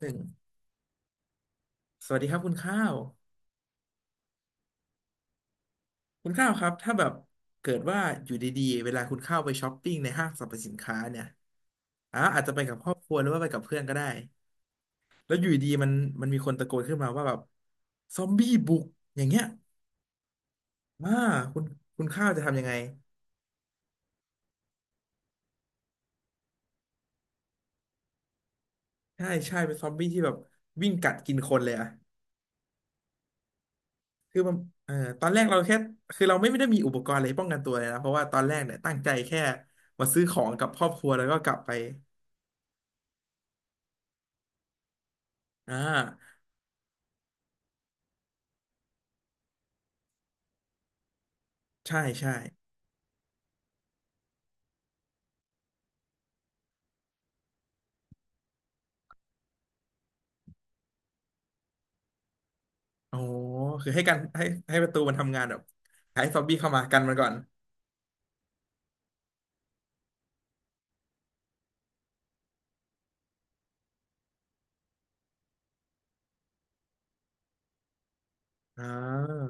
หนึ่งสวัสดีครับคุณข้าวคุณข้าวครับถ้าแบบเกิดว่าอยู่ดีๆเวลาคุณข้าวไปช้อปปิ้งในห้างสรรพสินค้าเนี่ยอ่ะอาจจะไปกับครอบครัวหรือว่าไปกับเพื่อนก็ได้แล้วอยู่ดีๆมันมีคนตะโกนขึ้นมาว่าแบบซอมบี้บุกอย่างเงี้ยมาคุณคุณข้าวจะทำยังไงใช่ใช่เป็นซอมบี้ที่แบบวิ่งกัดกินคนเลยอะคือมันเอ่อตอนแรกเราแค่คือเราไม่ได้มีอุปกรณ์อะไรป้องกันตัวเลยนะเพราะว่าตอนแรกเนี่ยตั้งใจแค่มาซื้อของกับครอบครัวแล้วก็กลับไปอ่าใช่ใช่ โอ้โคือให้กันให้ให้ประตูมันทำงานแบบให้ซอมบี้เข้ามากันมันก่อนอ่า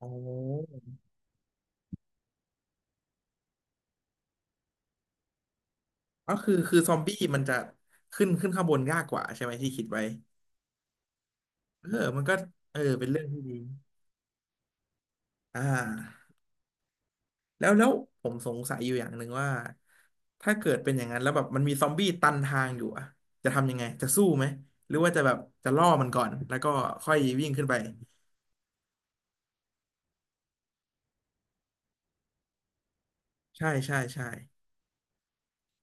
โอ้ก็คือคือซอมบี้มันจะขึ้นข้างบนยากกว่าใช่ไหมที่คิดไว้เออมันก็เออเป็นเรื่องที่ดีอ่าแล้วผมสงสัยอยู่อย่างหนึ่งว่าถ้าเกิดเป็นอย่างนั้นแล้วแบบมันมีซอมบี้ตันทางอยู่อะจะทำยังไงจะสู้ไหมหรือว่าจะแบบจะล่อมันก่อนแล้วก็ค่อยวิ่งขึ้นไปใช่ใช่ใช่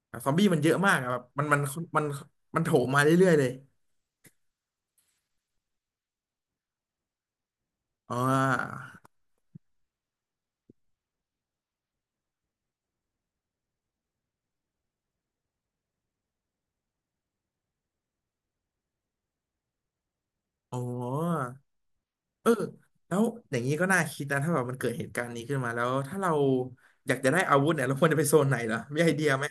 แบบซอมบี้มันเยอะมากอะแบบมันมันโถมมาเรื่อยๆเลย อ๋ออ๋อเออแล้วอย่างนี้ก็น่าคิดนะถ้าแบบมันเกิดเหตุการณ์นี้ขึ้นมาแล้ว ถ้าเราอยากจะได้อาวุธเนี่ย เราควรจะไปโซนไหนเหรอมีไอเดียไหม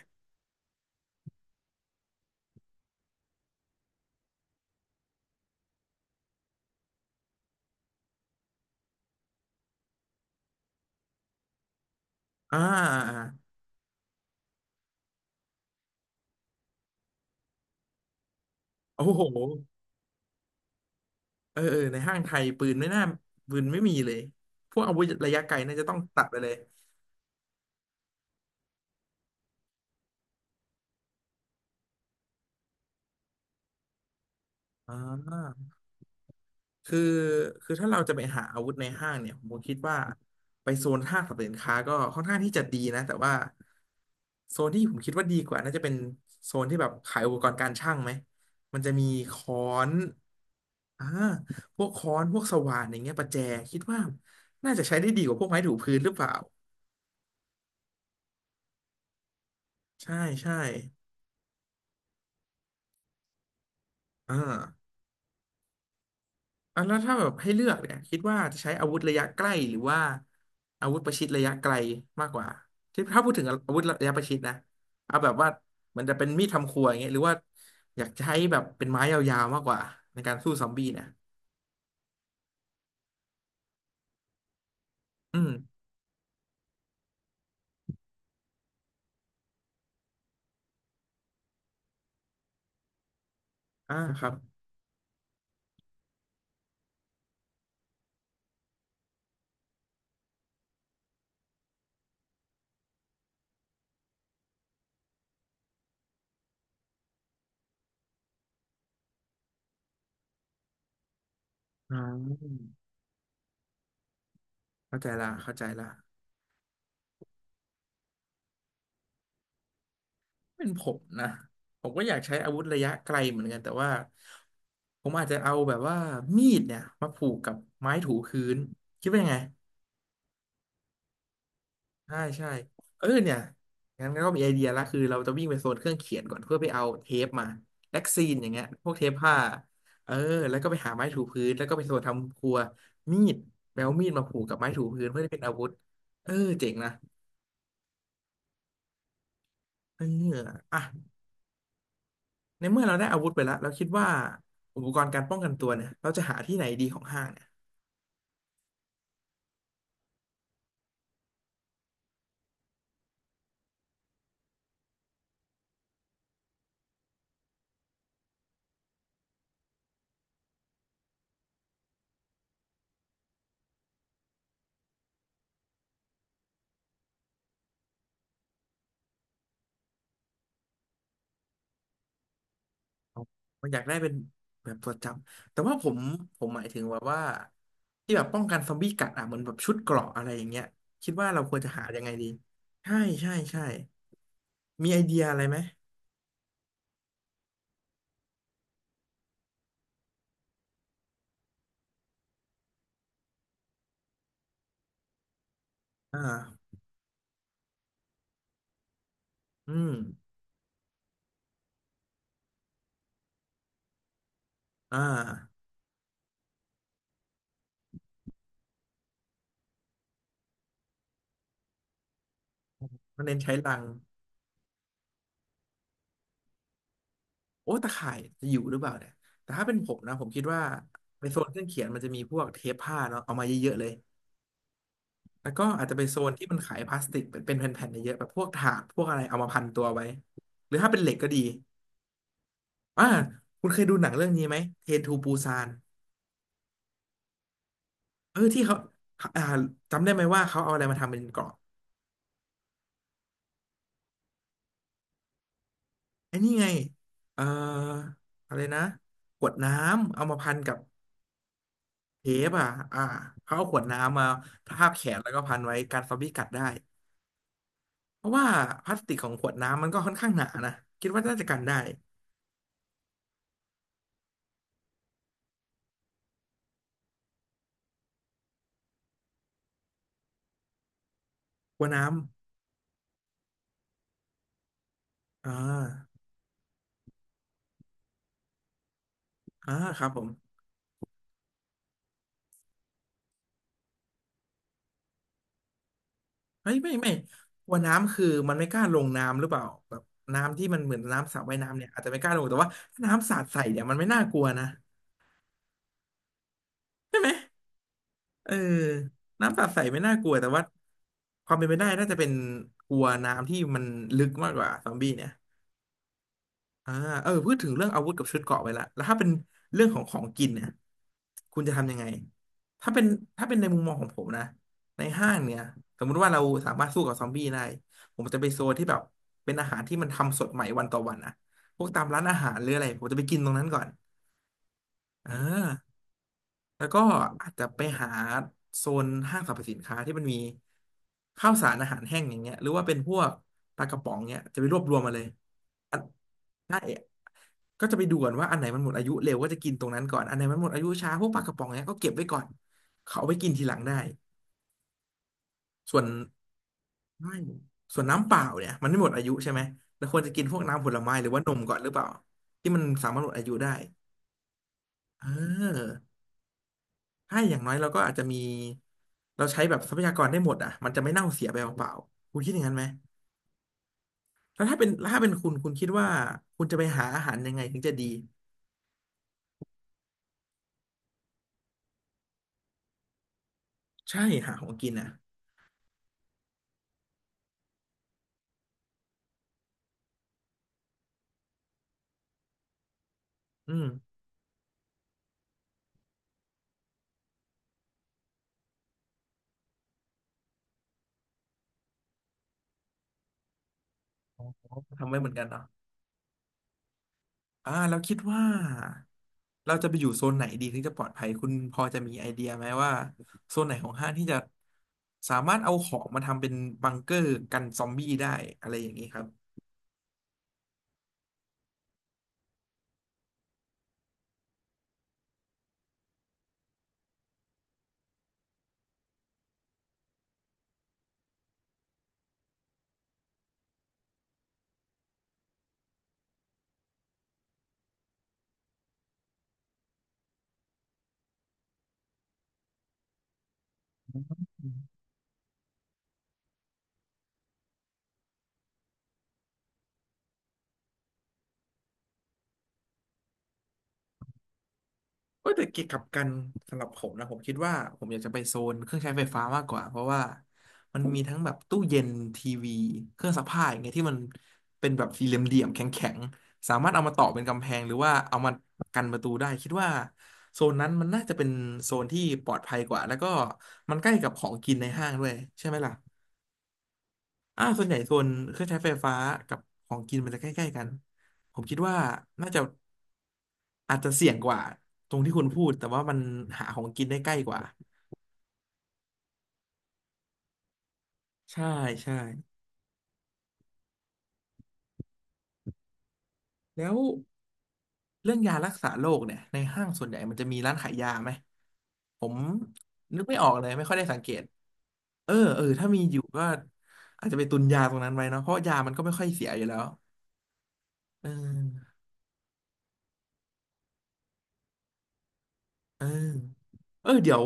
อ่าอ่าโอ้โหเออเออในห้างไทยปืนไม่น่าปืนไม่มีเลย พวกอาวุธระยะไกลน่าจะต้องตัดไปเลยอ่า คือคือถ้าเราจะไปหาอาวุธในห้างเนี่ยผมคิดว่าไปโซนห้างสรรพสินค้าก็ค่อนข้างที่จะดีนะแต่ว่าโซนที่ผมคิดว่าดีกว่าน่าจะเป็นโซนที่แบบขายอุปกรณ์การช่างไหมมันจะมีค้อนอ่าพวกค้อนพวกสว่านอย่างเงี้ยประแจคิดว่าน่าจะใช้ได้ดีกว่าพวกไม้ถูพื้นหรือเปล่าใช่ใช่อ่า อ่ะแล้วถ้าแบบให้เลือกเนี่ยคิดว่าจะใช้อาวุธระยะใกล้หรือว่าอาวุธประชิดระยะไกลมากกว่าที่ถ้าพูดถึงอาวุธระยะประชิดนะเอาแบบว่ามันจะเป็นมีดทำครัวอย่างเงี้ยหรือว่าอยากใช้แบบเป็นไม้ยาวๆมากกว่าในการสู้ซอมบี้เนี่ยอืมอ่าครับอ่าเข้าใจละเข้าใจละเป็นผมนะผมก็อยากใช้อาวุธระยะไกลเหมือนกันแต่ว่าผมอาจจะเอาแบบว่ามีดเนี่ยมาผูกกับไม้ถูพื้นคิดว่ายังไง ใช่ใช่เออเนี่ยงั้นก็มีไอเดียละคือเราจะวิ่งไปโซนเครื่องเขียนก่อนเพื่อไปเอาเทปมาแล็กซีนอย่างเงี้ยพวกเทปผ้าเออแล้วก็ไปหาไม้ถูพื้นแล้วก็ไปโซนทำครัวมีดแปลวามีดมาผูกกับไม้ถูพื้นเพื่อให้เป็นอาวุธเออเจ๋งนะเอออ่ะในเมื่อเราได้อาวุธไปแล้วเราคิดว่าอุปกรณ์การป้องกันตัวเนี่ยเราจะหาที่ไหนดีของห้างเนี่ย มันอยากได้เป็นแบบตัวจำแต่ว่าผมผมหมายถึงแบบว่าที่แบบป้องกันซอมบี้กัดอ่ะเหมือนแบบชุดเกราะอะไรอย่างเงี้ยคิดว่าเราควรจะหายังไงดีใช่ใช่ใช่มีไอเดียอะไรไหมอ่าอืมอ่ามันเน้นใช้ลังโอ้ตะข่ายจะอยู่หรือเปล่าเนี่ยแต่ถ้าเป็นผมนะผมคิดว่าในโซนเครื่องเขียนมันจะมีพวกเทปผ้าเนาะเอามาเยอะๆเลยแล้วก็อาจจะไปโซนที่มันขายพลาสติกเป็นแผ่นๆเยอะๆแบบพวกถาดพวกอะไรเอามาพันตัวไว้หรือถ้าเป็นเหล็กก็ดี อ่าคุณเคยดูหนังเรื่องนี้ไหมเทนทูปูซานเออที่เขาอ่าจำได้ไหมว่าเขาเอาอะไรมาทำเป็นเกราะไอ้นี่ไงเอ่ออะไรนะขวดน้ำเอามาพันกับเทปอ่ะอ่าเขาเอาขวดน้ำมาทาบแขนแล้วก็พันไว้กันซอมบี้กัดได้เพราะว่าพลาสติกของขวดน้ำมันก็ค่อนข้างหนานะคิดว่าน่าจะกันได้กลัวน้ำอ่าอ่าครับผม เฮ้ยไม่กลัวน้ำคือมันไม่กล้าลงน้ำหรือเปล่าแบบน้ำที่มันเหมือนน้ำสระว่ายน้ำเนี่ยอาจจะไม่กล้าลงแต่ว่าถ้าน้ำสาดใส่เนี่ยมันไม่น่ากลัวนะเออน้ำสาดใส่ไม่น่ากลัวแต่ว่าความเป็นไปได้น่าจะเป็นกลัวน้ำที่มันลึกมากกว่าซอมบี้เนี่ย อ่าเออพูดถึงเรื่องอาวุธกับชุดเกราะไปละแล้วถ้าเป็นเรื่องของของกินเนี่ยคุณจะทำยังไงถ้าเป็นในมุมมองของผมนะในห้างเนี่ยสมมุติว่าเราสามารถสู้กับซอมบี้ได้ผมจะไปโซนที่แบบเป็นอาหารที่มันทำสดใหม่วันต่อวันนะพวกตามร้านอาหารหรืออะไรผมจะไปกินตรงนั้นก่อนอ่า แล้วก็อาจจะไปหาโซนห้างสรรพสินค้าที่มันมีข้าวสารอาหารแห้งอย่างเงี้ยหรือว่าเป็นพวกปลากระป๋องเงี้ยจะไปรวบรวมมาเลยอันใช่ก็จะไปดูก่อนว่าอันไหนมันหมดอายุเร็วก็จะกินตรงนั้นก่อนอันไหนมันหมดอายุช้าพวกปลากระป๋องเนี้ยก็เก็บไว้ก่อนเขาเอาไปกินทีหลังได้ส่วนไม่ส่วนน้ำเปล่าเนี่ยมันไม่หมดอายุใช่ไหมแล้วควรจะกินพวกน้ำผลไม้หรือว่านมก่อนหรือเปล่าที่มันสามารถหมดอายุได้เออ ใช่อย่างน้อยเราก็อาจจะมีเราใช้แบบทรัพยากรได้หมดอ่ะมันจะไม่เน่าเสียไปเปล่าๆคุณคิดอย่างนั้นไหมแล้วถ้าเป็นคุณคิดว่าคุณจะไปหาอาหารยังไงถึงจะดีใช่หาของกินอ่ะอืมทำไว้เหมือนกันเนาะอ่าเราคิดว่าเราจะไปอยู่โซนไหนดีถึงจะปลอดภัยคุณพอจะมีไอเดียไหมว่าโซนไหนของห้างที่จะสามารถเอาของมาทำเป็นบังเกอร์กันซอมบี้ได้อะไรอย่างนี้ครับ เอยแต่เกี่ยวกับกันสำหรับผมนะผมคิดว่าผมอยากจะไปโซนเครื่องใช้ไฟฟ้ามากกว่าเพราะว่ามันมีทั้งแบบตู้เย็นทีวีเครื่องซักผ้าอย่างเงี้ยที่มันเป็นแบบสี่เหลี่ยมๆแข็งๆสามารถเอามาต่อเป็นกำแพงหรือว่าเอามากันประตูได้คิดว่าโซนนั้นมันน่าจะเป็นโซนที่ปลอดภัยกว่าแล้วก็มันใกล้กับของกินในห้างด้วยใช่ไหมล่ะอ่าส่วนใหญ่โซนเครื่องใช้ไฟฟ้ากับของกินมันจะใกล้ๆกันผมคิดว่าน่าจะ อาจจะเสี่ยงกว่าตรงที่คุณพูดแต่ว่ามันหาของกินได้ใกล้กว่า ใช่ใช่แล้วเรื่องยารักษาโรคเนี่ยในห้างส่วนใหญ่ มันจะมีร้านขายยาไหมผมนึกไม่ออกเลยไม่ค่อยได้สังเกต เออเออถ้ามีอยู่ก็อาจจะไปตุนยาตรงนั้นไว้เนาะเพราะยามันก็ไม่ค่อยเสียอยู่แล้วเออเออเออเดี๋ยว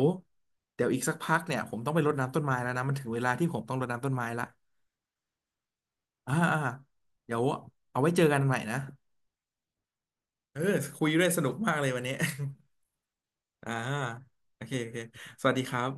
อีกสักพักเนี่ยผมต้องไปรดน้ำต้นไม้แล้วนะมันถึงเวลาที่ผมต้องรดน้ำต้นไม้ละอ่าอ่าเดี๋ยวเอาไว้เจอกันใหม่นะเออคุยด้วยสนุกมากเลยวันนี้ อ่าโอเคโอเคสวัสดีครับ